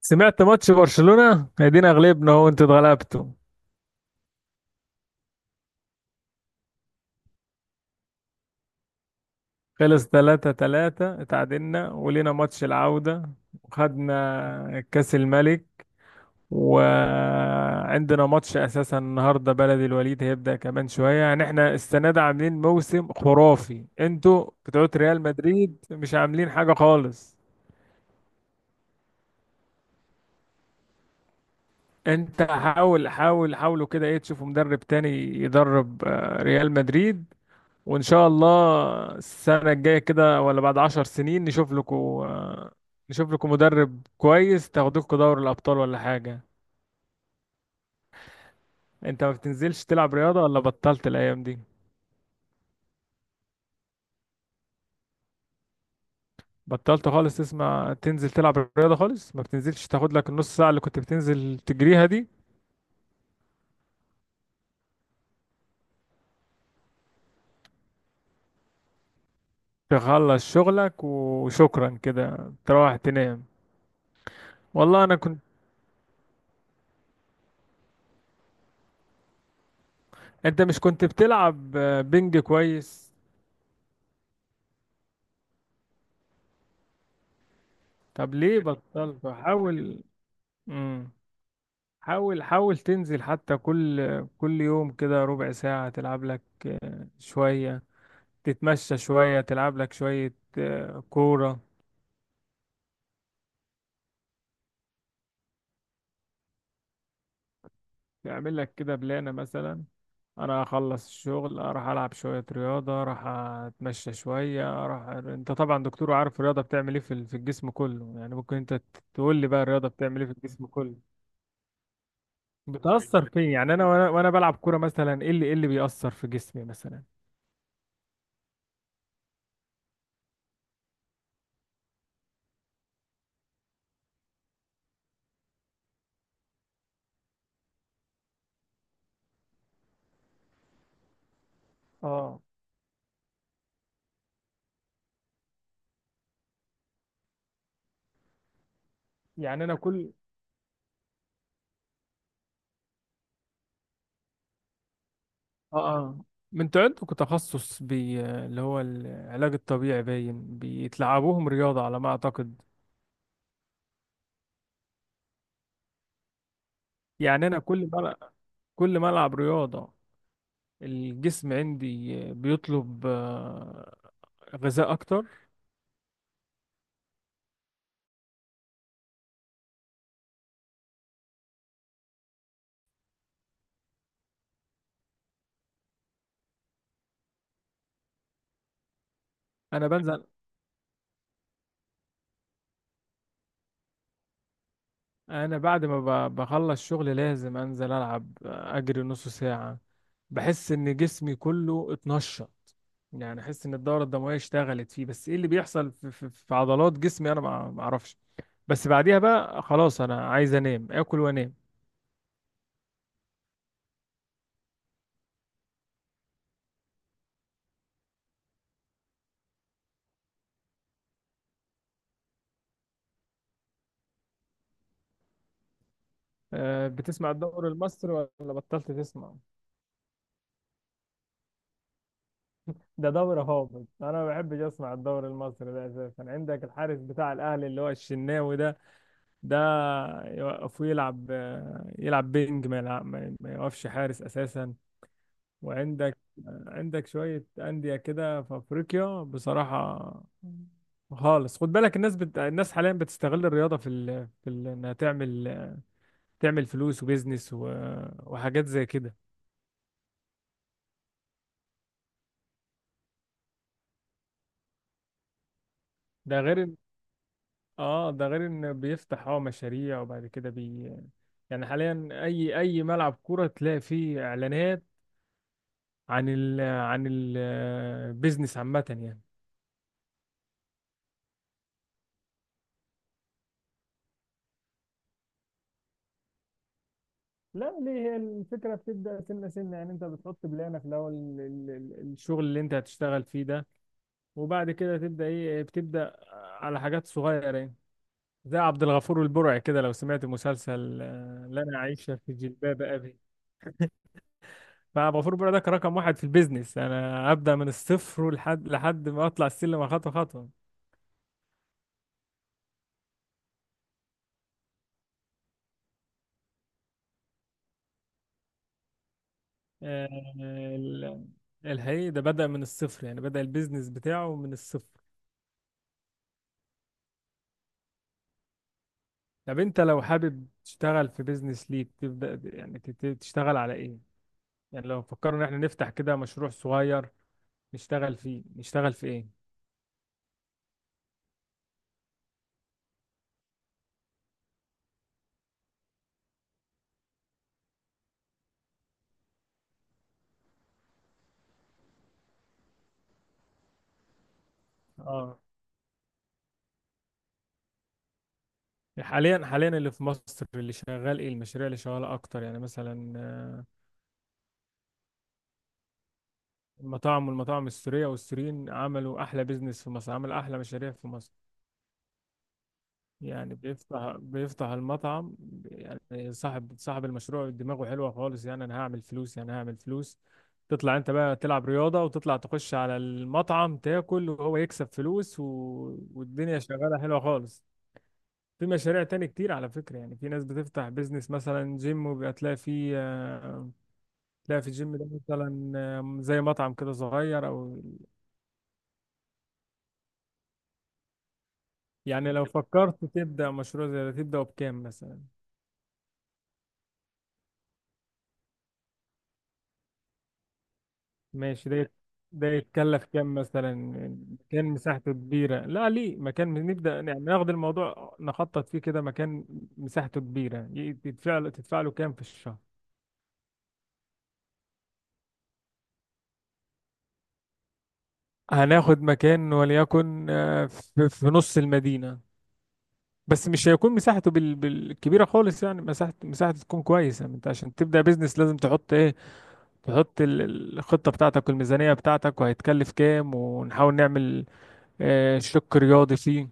سمعت ماتش برشلونة، ادينا غلبنا اهو، انتوا اتغلبتوا. خلص، 3-3 اتعادلنا ولينا ماتش العودة، وخدنا كأس الملك. وعندنا ماتش اساسا النهارده بلدي الوليد هيبدأ كمان شوية. يعني احنا السنة دي عاملين موسم خرافي، انتوا بتوع ريال مدريد مش عاملين حاجة خالص. انت حاول حاول حاولوا كده ايه، تشوفوا مدرب تاني يدرب ريال مدريد. وإن شاء الله السنة الجاية كده، ولا بعد 10 سنين نشوف لكم مدرب كويس تاخدوكوا دوري الأبطال ولا حاجة. أنت ما بتنزلش تلعب رياضة، ولا بطلت الأيام دي؟ بطلت خالص تسمع تنزل تلعب رياضة خالص؟ ما بتنزلش تاخد لك النص ساعة اللي كنت بتنزل تجريها دي؟ تخلص شغلك وشكرا كده تروح تنام. والله أنا كنت. أنت مش كنت بتلعب بنج كويس؟ طب ليه بطلت؟ حاول مم. حاول حاول تنزل، حتى كل يوم كده ربع ساعة تلعب لك شوية، تتمشى شوية، تلعب لك شوية كورة. تعمل لك كده بلانة مثلا. انا اخلص الشغل، اروح العب شوية رياضة، اروح اتمشى شوية، اروح. انت طبعا دكتور، عارف الرياضة بتعمل ايه في في الجسم كله. يعني ممكن انت تقول لي بقى الرياضة بتعمل ايه في الجسم كله، بتأثر فين؟ يعني انا وانا وانا بلعب كورة مثلا، ايه اللي بيأثر في جسمي مثلا. اه. يعني انا كل اه آه. من انتوا عندكم تخصص اللي هو العلاج الطبيعي، باين بيتلعبوهم رياضة على ما اعتقد. يعني انا كل ما العب رياضة، الجسم عندي بيطلب غذاء اكتر. انا بنزل انا بعد ما بخلص شغل لازم انزل العب اجري نص ساعة. بحس ان جسمي كله اتنشط، يعني احس ان الدورة الدموية اشتغلت فيه. بس ايه اللي بيحصل في عضلات جسمي انا ما اعرفش. بس بعديها بقى خلاص انا عايز انام، اكل وانام. بتسمع الدوري المصري ولا بطلت تسمع؟ ده دوري هابط، انا ما بحبش اسمع الدوري المصري ده اساسا. عندك الحارس بتاع الاهلي اللي هو الشناوي ده، ده يوقفوه يلعب يلعب بينج، ما يلعب ما يوقفش حارس اساسا. وعندك شويه انديه كده في افريقيا بصراحه خالص. خد بالك الناس حاليا بتستغل الرياضه انها تعمل فلوس وبيزنس و... وحاجات زي كده. ده غير إن- اه ده غير ان بيفتح مشاريع، وبعد كده. يعني حاليا اي ملعب كورة تلاقي فيه اعلانات عن عن البيزنس عامة يعني. لا ليه، هي الفكرة بتبدأ سنة سنة، يعني انت بتحط بلانك الأول، الشغل اللي انت هتشتغل فيه ده. وبعد كده تبدأ ايه؟ بتبدأ على حاجات صغيرة يعني. زي عبد الغفور البرعي كده، لو سمعت مسلسل لا انا عايشة في جلباب ابي، مع غفور، برادك رقم واحد في البيزنس. انا ابدا من الصفر لحد ما اطلع السلم خطوه خطوه. آه، ال- الحقيقي ده بدا من الصفر، يعني بدا البيزنس بتاعه من الصفر. طب انت لو حابب تشتغل في بيزنس ليك تبدا، يعني تشتغل على ايه؟ يعني لو فكرنا ان احنا نفتح كده مشروع صغير، نشتغل فيه، نشتغل في ايه؟ اه، حاليا اللي في مصر اللي شغال ايه، المشاريع اللي شغاله اكتر، يعني مثلا المطاعم، والمطاعم السورية، والسوريين عملوا أحلى بيزنس في مصر، عمل أحلى مشاريع في مصر. يعني بيفتح المطعم، يعني صاحب المشروع دماغه حلوة خالص. يعني أنا هعمل فلوس، يعني هعمل فلوس. تطلع أنت بقى تلعب رياضة، وتطلع تخش على المطعم تاكل، وهو يكسب فلوس. والدنيا شغالة حلوة خالص. في مشاريع تاني كتير على فكرة. يعني في ناس بتفتح بيزنس مثلا جيم، وبيبقى تلاقي فيه آه، تلاقي في الجيم ده مثلا زي مطعم كده صغير أو. يعني لو فكرت تبدأ مشروع زي ده، تبدأ بكام مثلا؟ ماشي، ده يتكلف كام مثلا؟ مكان مساحته كبيرة؟ لا ليه، مكان نبدأ، يعني ناخد الموضوع نخطط فيه كده. مكان مساحته كبيرة، يدفع له تدفع له كام في الشهر؟ هناخد مكان وليكن في نص المدينة، بس مش هيكون مساحته بالكبيرة خالص يعني، مساحته تكون كويسة. انت عشان تبدأ بيزنس لازم تحط ايه؟ تحط الخطة بتاعتك والميزانية بتاعتك، وهيتكلف كام، ونحاول نعمل شق رياضي فيه.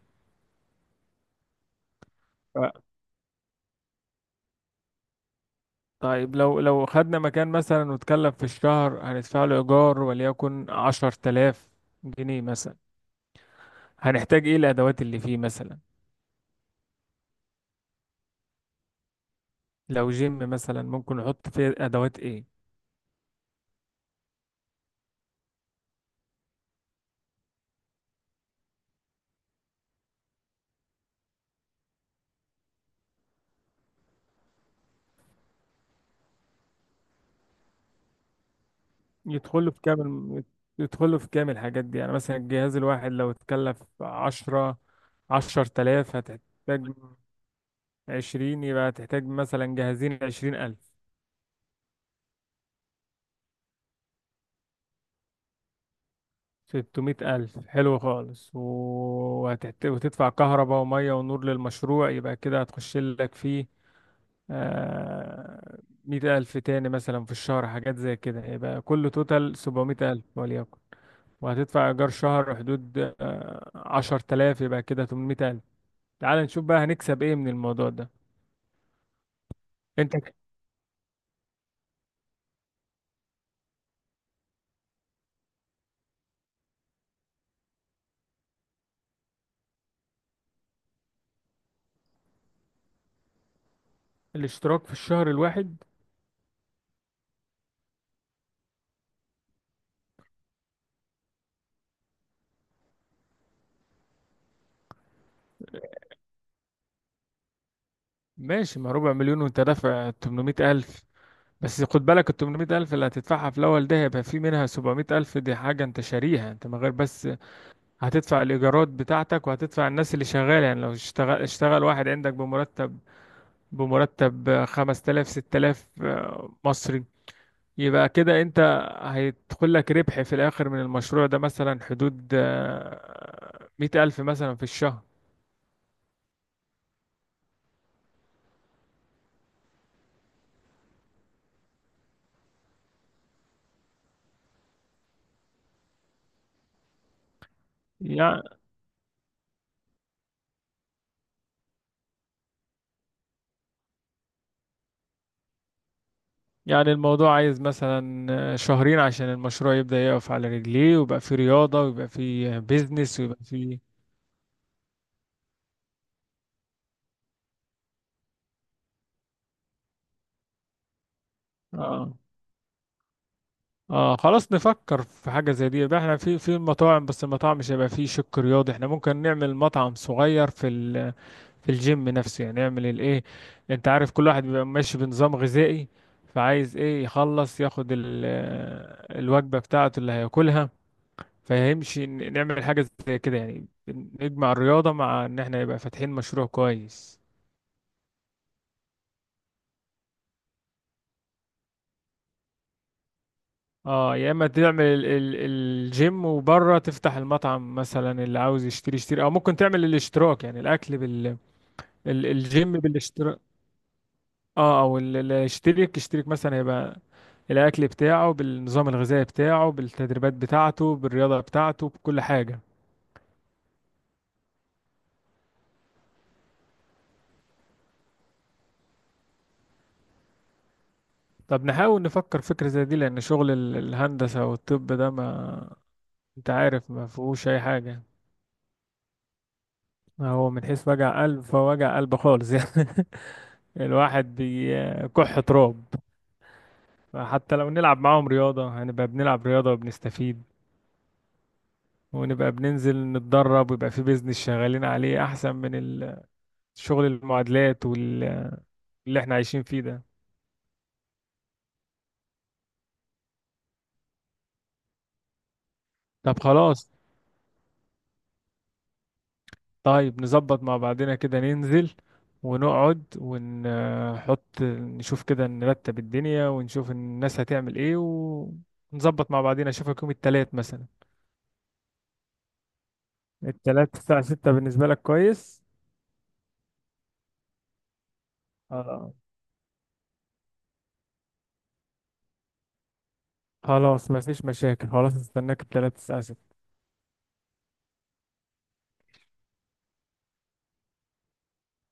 آه، طيب لو خدنا مكان مثلا، واتكلم في الشهر هندفع له إيجار وليكن 10 تلاف جنيه مثلا. هنحتاج إيه الأدوات اللي فيه مثلا؟ لو جيم مثلا، ممكن نحط فيه أدوات إيه؟ يدخله في كامل يدخله في كامل الحاجات دي. يعني مثلا الجهاز الواحد لو اتكلف 10 تلاف. هتحتاج 20، يبقى هتحتاج مثلا جهازين 20 ألف. 600 ألف حلو خالص. وتدفع كهرباء ومية ونور للمشروع، يبقى كده هتخش لك فيه 100 ألف تاني مثلا في الشهر، حاجات زي كده. يبقى كله توتال 700 ألف وليكن. وهتدفع إيجار شهر حدود 10 تلاف، يبقى كده 800 ألف. تعال نشوف بقى هنكسب إيه من الموضوع ده. أنت ك- الاشتراك في الشهر الواحد؟ ماشي، ما ربع مليون وأنت دافع 800 ألف. بس خد بالك ال 800000 اللي هتدفعها في الأول ده، هيبقى في منها 700000 دي حاجة أنت شاريها. أنت من غير بس هتدفع الإيجارات بتاعتك، وهتدفع الناس اللي شغالة. يعني لو اشتغل واحد عندك بمرتب، 5000 6000 مصري، يبقى كده أنت هيدخل لك ربح في الآخر من المشروع ده، مثلا حدود 100000 مثلا في الشهر يعني يعني الموضوع عايز مثلا شهرين عشان المشروع يبدأ يقف على رجليه، ويبقى فيه رياضة، ويبقى فيه بيزنس، ويبقى فيه. اه اه، خلاص نفكر في حاجة زي دي. يبقى احنا في مطاعم، بس المطاعم مش هيبقى فيه شق رياضي. احنا ممكن نعمل مطعم صغير في الجيم نفسه، يعني نعمل الايه، انت عارف كل واحد بيبقى ماشي بنظام غذائي، فعايز ايه يخلص ياخد الوجبة بتاعته اللي هياكلها. فهمش. نعمل حاجة زي كده يعني، نجمع الرياضة مع ان احنا يبقى فاتحين مشروع كويس. اه، يا اما تعمل ال ال الجيم وبره تفتح المطعم، مثلا اللي عاوز يشتري يشتري، او ممكن تعمل الاشتراك، يعني الاكل بال ال الجيم بالاشتراك. اه، او اللي يشترك يشترك مثلا، يبقى الاكل بتاعه بالنظام الغذائي بتاعه، بالتدريبات بتاعته، بالرياضة بتاعته، بكل حاجة. طب نحاول نفكر فكرة زي دي، لان شغل الهندسة والطب ده، ما انت عارف ما فيهوش اي حاجة. هو من حيث وجع قلب فوجع قلب خالص يعني. الواحد بيكح تراب. فحتى لو نلعب معاهم رياضة هنبقى بنلعب رياضة وبنستفيد، ونبقى بننزل نتدرب، ويبقى في بيزنس شغالين عليه، أحسن من شغل المعادلات واللي احنا عايشين فيه ده. طب خلاص. طيب نظبط مع بعضنا كده، ننزل ونقعد ونحط، نشوف كده نرتب الدنيا ونشوف الناس هتعمل ايه. ونظبط مع بعضنا، اشوفك يوم التلات مثلا، التلاتة الساعة ستة، بالنسبة لك كويس؟ اه خلاص، مفيش مشاكل، خلاص استناك التلاتة الساعة ستة.